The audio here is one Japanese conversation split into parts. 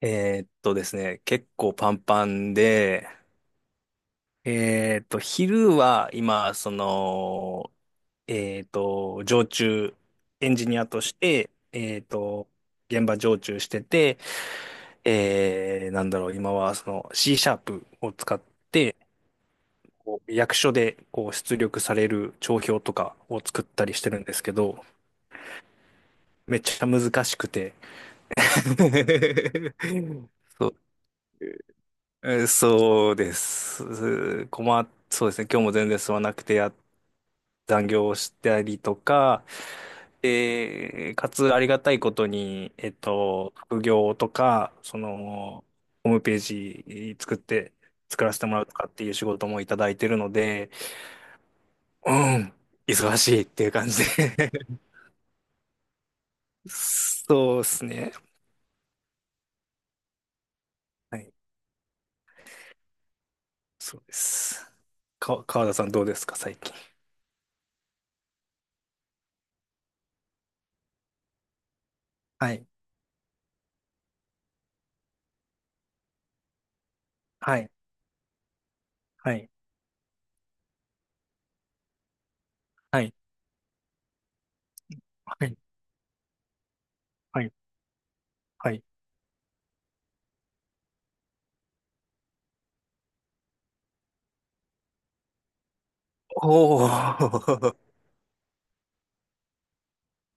ですね、結構パンパンで。昼は今、常駐エンジニアとして、現場常駐してて、なんだろう、今はその C#を使って、こう役所でこう出力される帳票とかを作ったりしてるんですけど、めっちゃ難しくて。そう、そうです。うー困っ、そうですね。今日も全然進まなくて残業をしたりとか、で、かつありがたいことに、副業とか、その、ホームページ作らせてもらうとかっていう仕事もいただいてるので、うん、忙しいっていう感じで。 そうですね。はい、そうです。川田さんどうですか、最近？はい、はい、はい、はい、はい、はい。はいおー。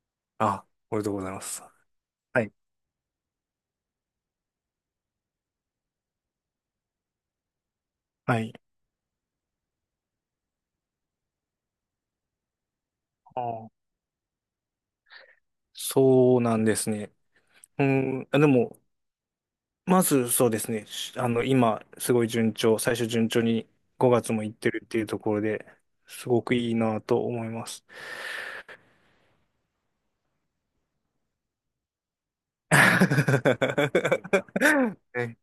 あ、おめでとうございます。はい。はい。あー、そうなんですね。うん。あ、でも、まずそうですね。しあの、今、すごい順調、最初順調に5月も行ってるっていうところで、すごくいいなと思います。ね、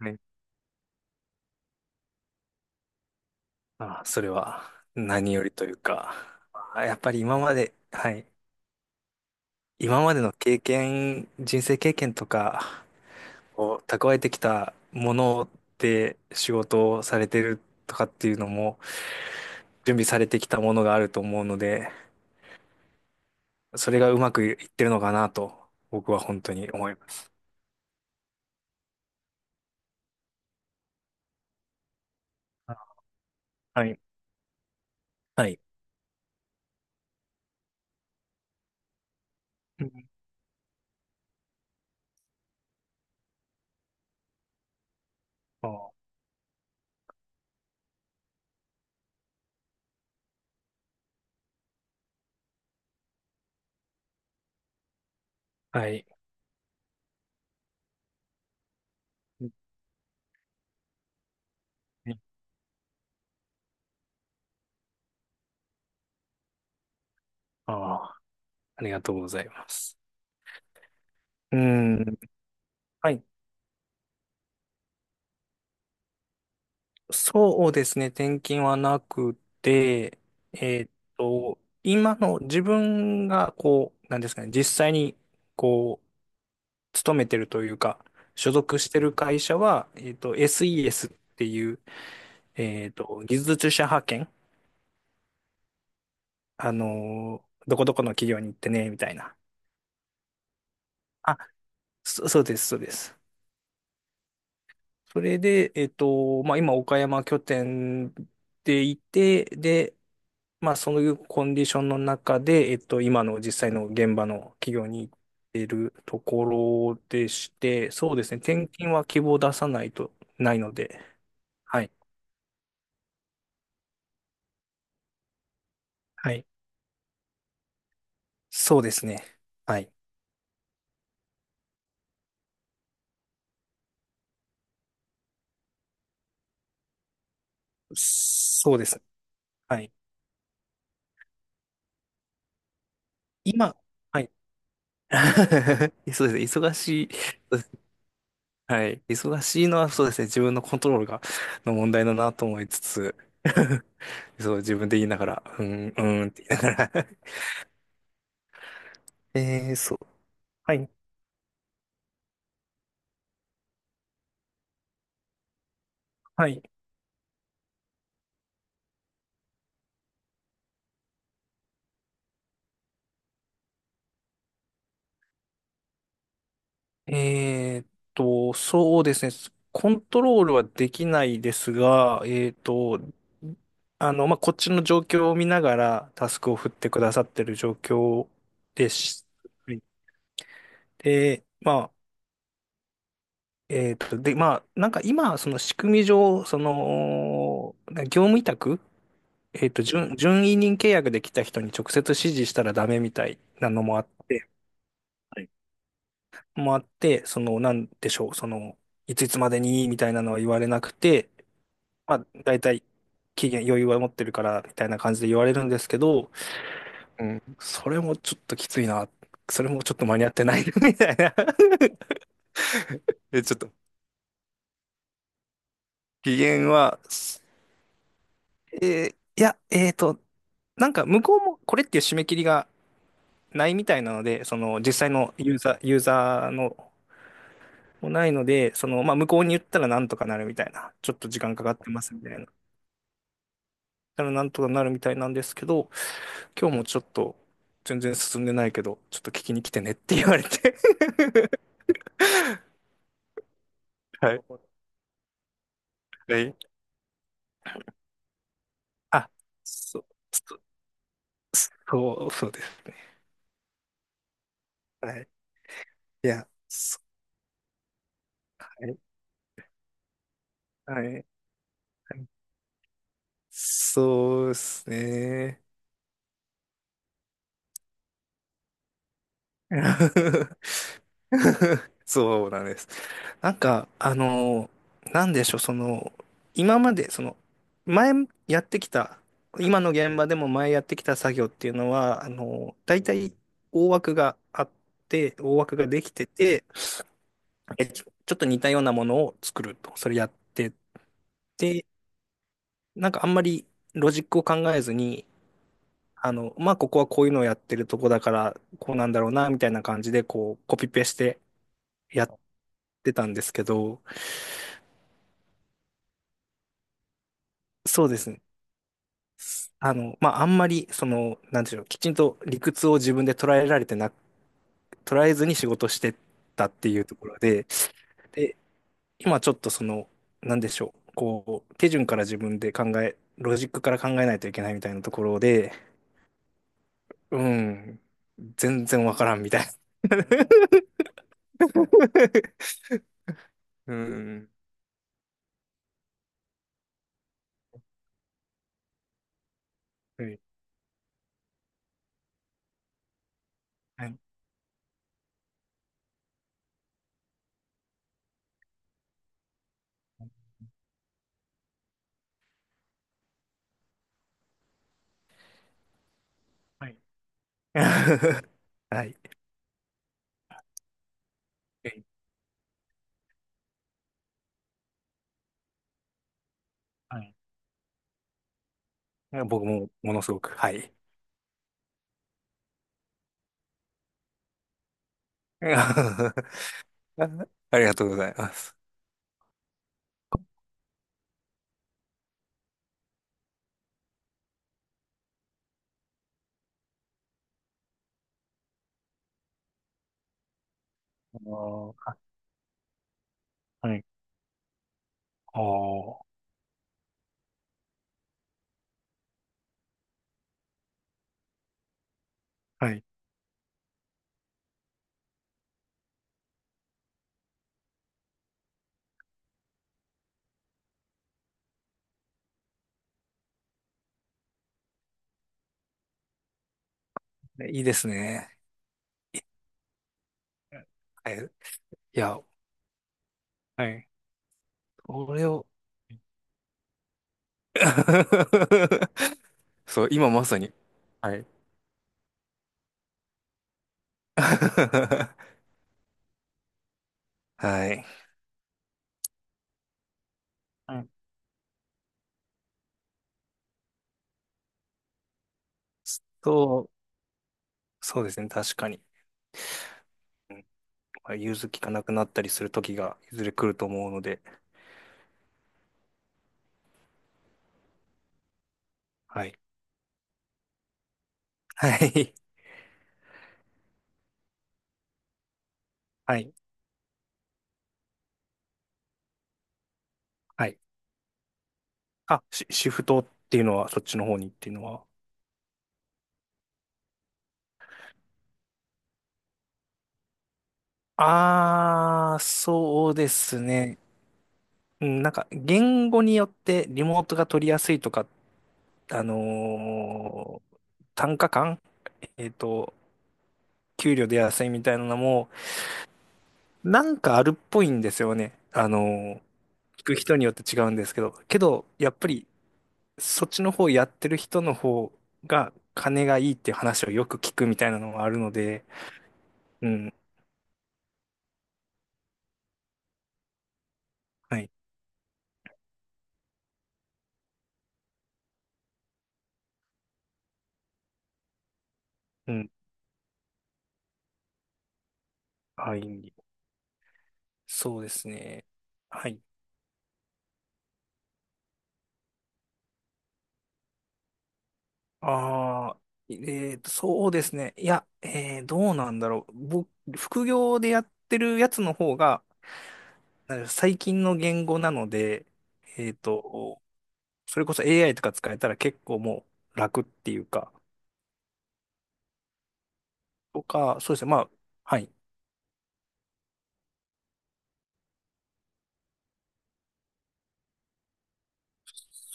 ね。まあ、それは何よりというか、まあやっぱり今まで、はい。今までの経験、人生経験とか、こう蓄えてきたもので仕事をされてるとかっていうのも、準備されてきたものがあると思うので、それがうまくいってるのかなと、僕は本当に思います。あ、はい。はい。うん、あ、はい。うん、あ、ありがとうございます。うん。はい。そうですね。転勤はなくて、えーっと、今の自分がこう、なんですかね、実際にこう、勤めてるというか、所属してる会社は、SES っていう、技術者派遣。どこどこの企業に行ってね、みたいな。あ、そうです、そうです。それで、まあ、今、岡山拠点でいて、で、まあ、そういうコンディションの中で、今の実際の現場の企業に行ってるところでして、そうですね、転勤は希望出さないと、ないので、はい。はい、そうですね。はい。そうです。はい。今、はい。そうですね。忙しい。そうです、はい。忙しいのはそうですね。自分のコントロールが、の問題だなと思いつつ、そう、自分で言いながら、うん、うんって言いながら。 そう。はい。はい。えーっそうですね。コントロールはできないですが、まあ、こっちの状況を見ながらタスクを振ってくださってる状況でし、はいで、まあ、なんか今、その仕組み上、その、業務委託、準委任契約で来た人に直接指示したらダメみたいなのもあって、はい、もあって、その、なんでしょう、その、いついつまでにみたいなのは言われなくて、まあ、大体期限余裕は持ってるからみたいな感じで言われるんですけど、それもちょっときついな。それもちょっと間に合ってない みたいな。ちょっと、期限は、いや、なんか向こうもこれっていう締め切りがないみたいなので、その実際のユーザーのもないので、その、まあ、向こうに言ったらなんとかなるみたいな、ちょっと時間かかってますみたいな、だからなんとかなるみたいなんですけど、今日もちょっと全然進んでないけど、ちょっと聞きに来てねって言われて。 はい。はい。あ、そう、そそうですね。はい。いや、そう、はい。はい。はい、そうですね。そうなんです。なんか、なんでしょう、その、今まで、その、前やってきた、今の現場でも前やってきた作業っていうのは、大体大枠があっ大枠ができてて、えちょちょっと似たようなものを作ると、それやってて、なんかあんまりロジックを考えずに、まあ、ここはこういうのをやってるとこだから、こうなんだろうな、みたいな感じで、こう、コピペしてやってたんですけど、そうですね。まあ、あんまり、その、なんていうの、きちんと理屈を自分で捉えずに仕事してたっていうところで、で、今ちょっとその、なんでしょう、こう、手順から自分で考え、ロジックから考えないといけないみたいなところで、うん、全然わからんみたいな。うん。はい。はい。はい。はい。はい、僕もものすごく、はい。ありがとうございます。あー、はい。ああ、はい。ね、いいですね。はい。いや、はい。これを。 そう、今まさに。はい。はい。はい、そう、そうですね。確かに。まあ融通きかなくなったりする時がいずれ来ると思うので。はい。はい。はい。はい。あ、シフトっていうのは、そっちの方にっていうのは。ああ、そうですね。うん、なんか言語によってリモートが取りやすいとか、あのー単価感、えっと、給料出やすいみたいなのも、なんかあるっぽいんですよね。聞く人によって違うんですけど、やっぱりそっちの方やってる人の方が金がいいっていう話をよく聞くみたいなのがあるので、うん、はい、うん、はい、そうですね。はい。ああ、えそうですね。いや、どうなんだろう。僕、副業でやってるやつの方が、なんか最近の言語なので、えーと、それこそ AI とか使えたら結構もう楽っていうか、とか、そうですね。まあ、はい。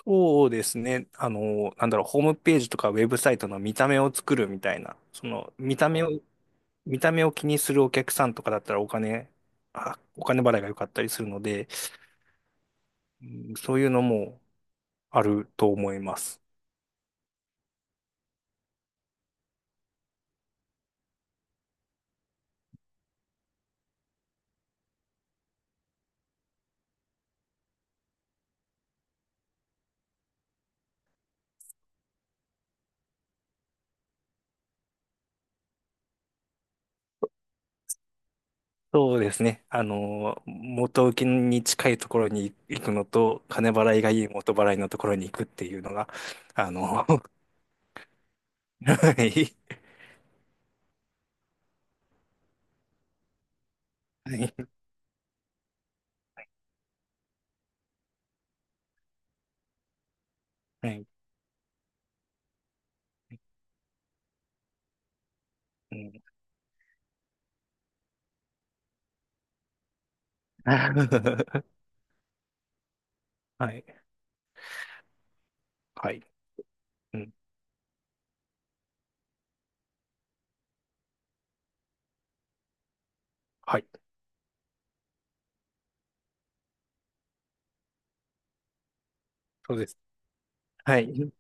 そうですね。なんだろう、ホームページとかウェブサイトの見た目を作るみたいな、その、見た目を気にするお客さんとかだったらお金払いが良かったりするので、うん、そういうのも、あると思います。そうですね。元請けに近いところに行くのと、金払いがいい元払いのところに行くっていうのが、あの、はい。はい。はい。うん。 はい。はい。うん。はい。そうです。はい。